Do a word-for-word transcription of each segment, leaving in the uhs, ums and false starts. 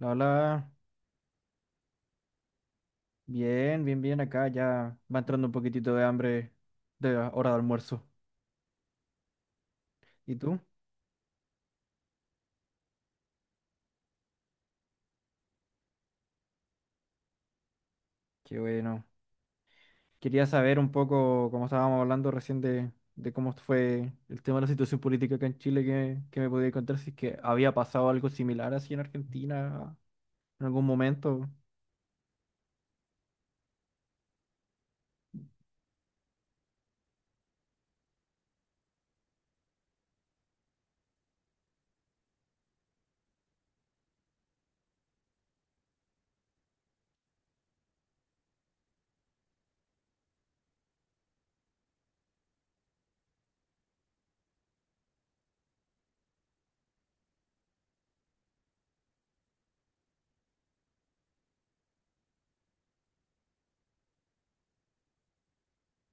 La hola, bien, bien, bien acá, ya va entrando un poquitito de hambre de la hora de almuerzo. ¿Y tú? Qué bueno. Quería saber un poco, como estábamos hablando recién de, de cómo fue el tema de la situación política acá en Chile, que, que me podía contar si es que había pasado algo similar así en Argentina en algún momento.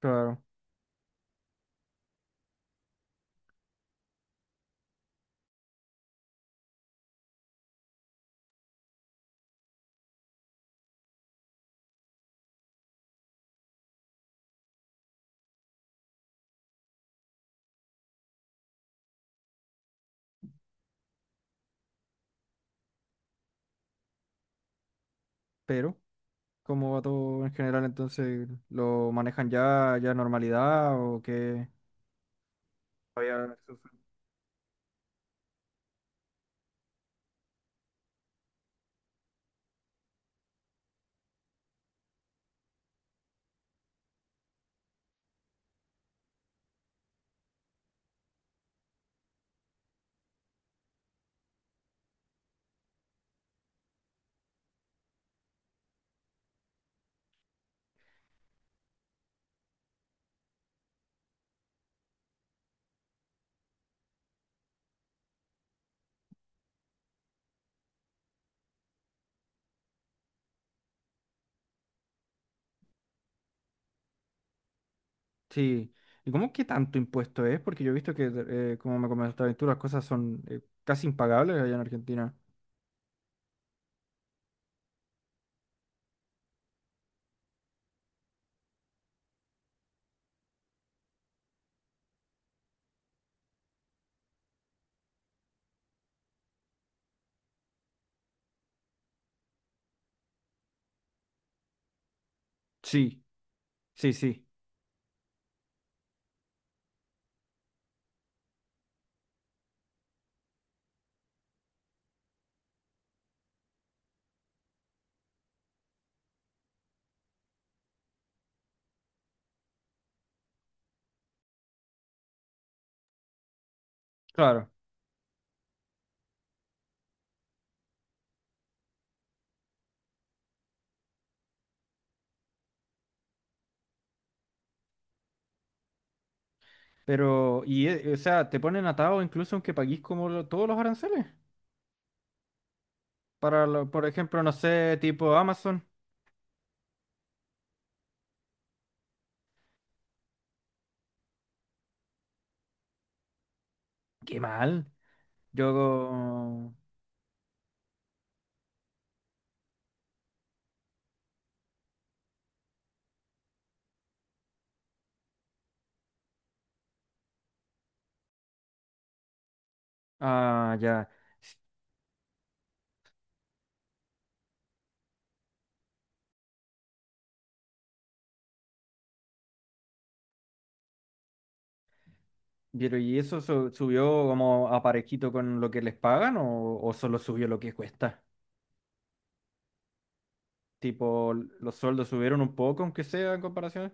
Claro, pero ¿cómo va todo en general entonces? ¿Lo manejan ya, ya normalidad o qué? Había... Sí. ¿Y cómo que tanto impuesto es? Porque yo he visto que, eh, como me comentaste tú, las cosas son eh, casi impagables allá en Argentina. Sí, sí, sí, claro. Pero, y, eh, o sea, te ponen atado incluso aunque paguís como lo- todos los aranceles. Para, lo- por ejemplo, no sé, tipo Amazon. Qué mal. Yo... Ah, ya. S- Pero, ¿y eso su- subió como a parejito con lo que les pagan o, o solo subió lo que cuesta? Tipo, l- los sueldos subieron un poco, aunque sea en comparación.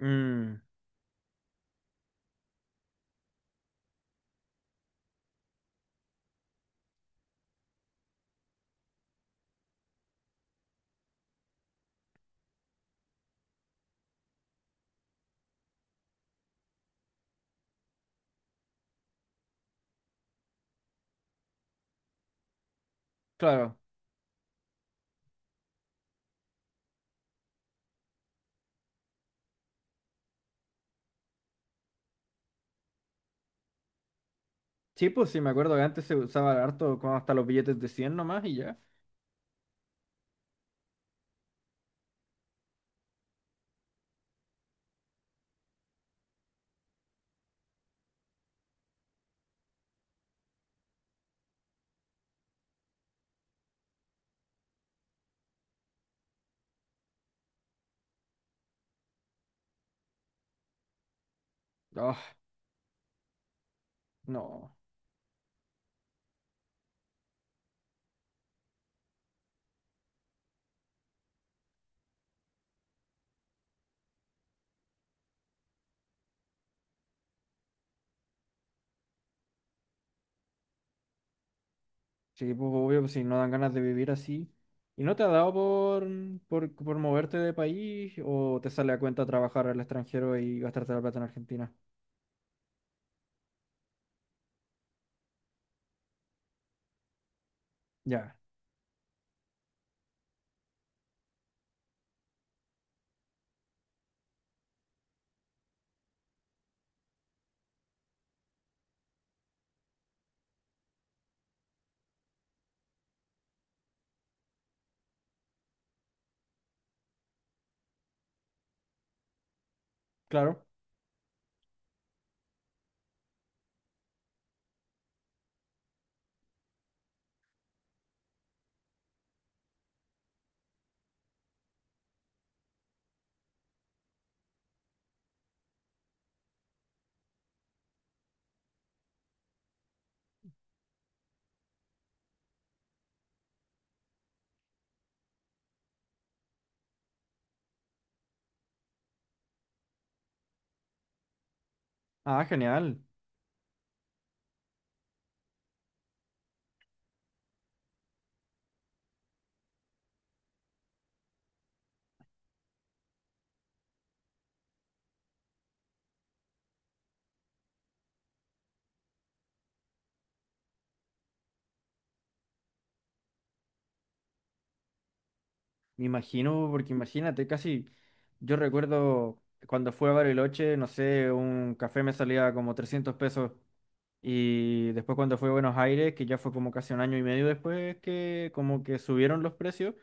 Mm, claro. Sí, pues sí, me acuerdo que antes se usaba harto con hasta los billetes de cien nomás y ya. Ah, no. Sí, pues obvio, pues si no dan ganas de vivir así. ¿Y no te ha dado por, por, por moverte de país o te sale a cuenta trabajar al extranjero y gastarte la plata en Argentina? Ya, claro. Ah, genial. Me imagino, porque imagínate, casi yo recuerdo cuando fui a Bariloche, no sé, un café me salía como trescientos pesos. Y después cuando fue a Buenos Aires, que ya fue como casi un año y medio después, que como que subieron los precios,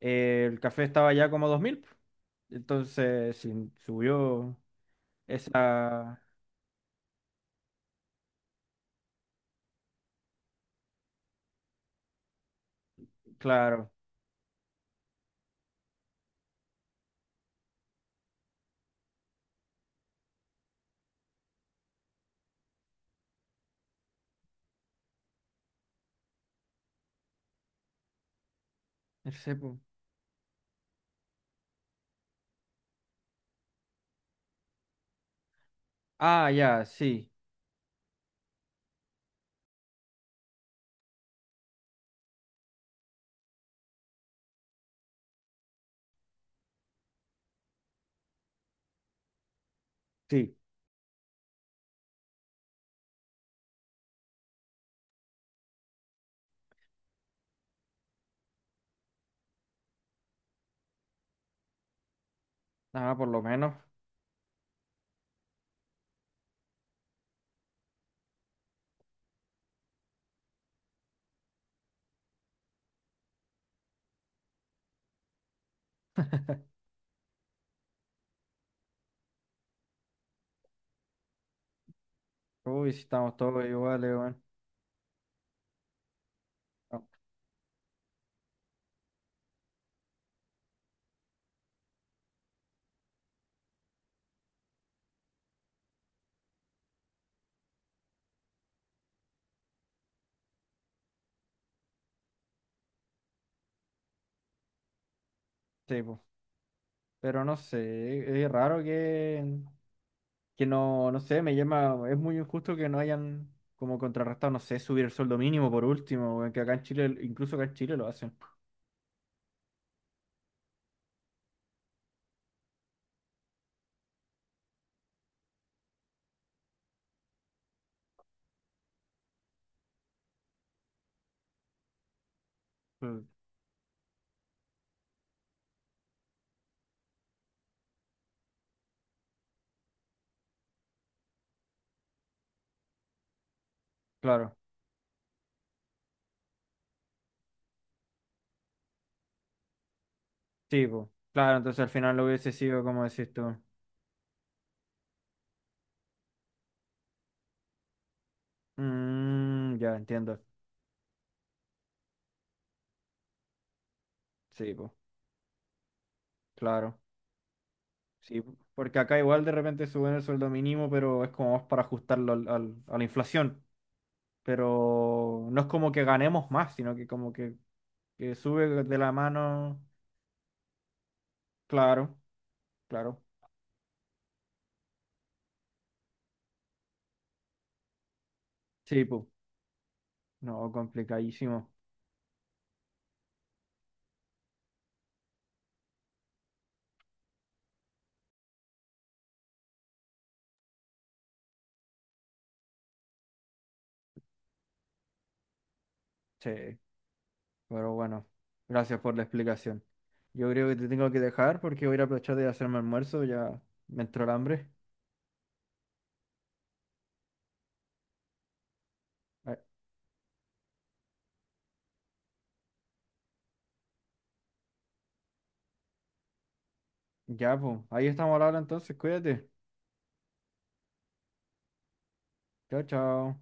eh, el café estaba ya como dos mil po. Entonces, sí, subió esa, claro, el cepo. Ah, ya, sí, sí. Nada, por lo menos. Uy, si estamos todos iguales, weón. Ah, sí, po. Pero no sé, es raro que, que no, no sé, me llama, es muy injusto que no hayan como contrarrestado, no sé, subir el sueldo mínimo por último, weón, que acá en Chile, incluso acá en Chile lo hacen. Mm, claro, sí, po. Claro, entonces al final lo hubiese sido como decís tú. Mm, ya entiendo. Sí, po. Claro. Sí, po, porque acá igual de repente suben el sueldo mínimo, pero es como más para ajustarlo al- al- a la inflación. Pero no es como que ganemos más, sino que como que, que sube de la mano. Claro, claro. Sí, po. No, complicadísimo. Sí, pero bueno, gracias por la explicación. Yo creo que te tengo que dejar porque voy a ir a aprovechar de hacerme almuerzo, ya me entró el hambre. Ah, ya, pues, ahí estamos hablando entonces, cuídate. Chao, chao.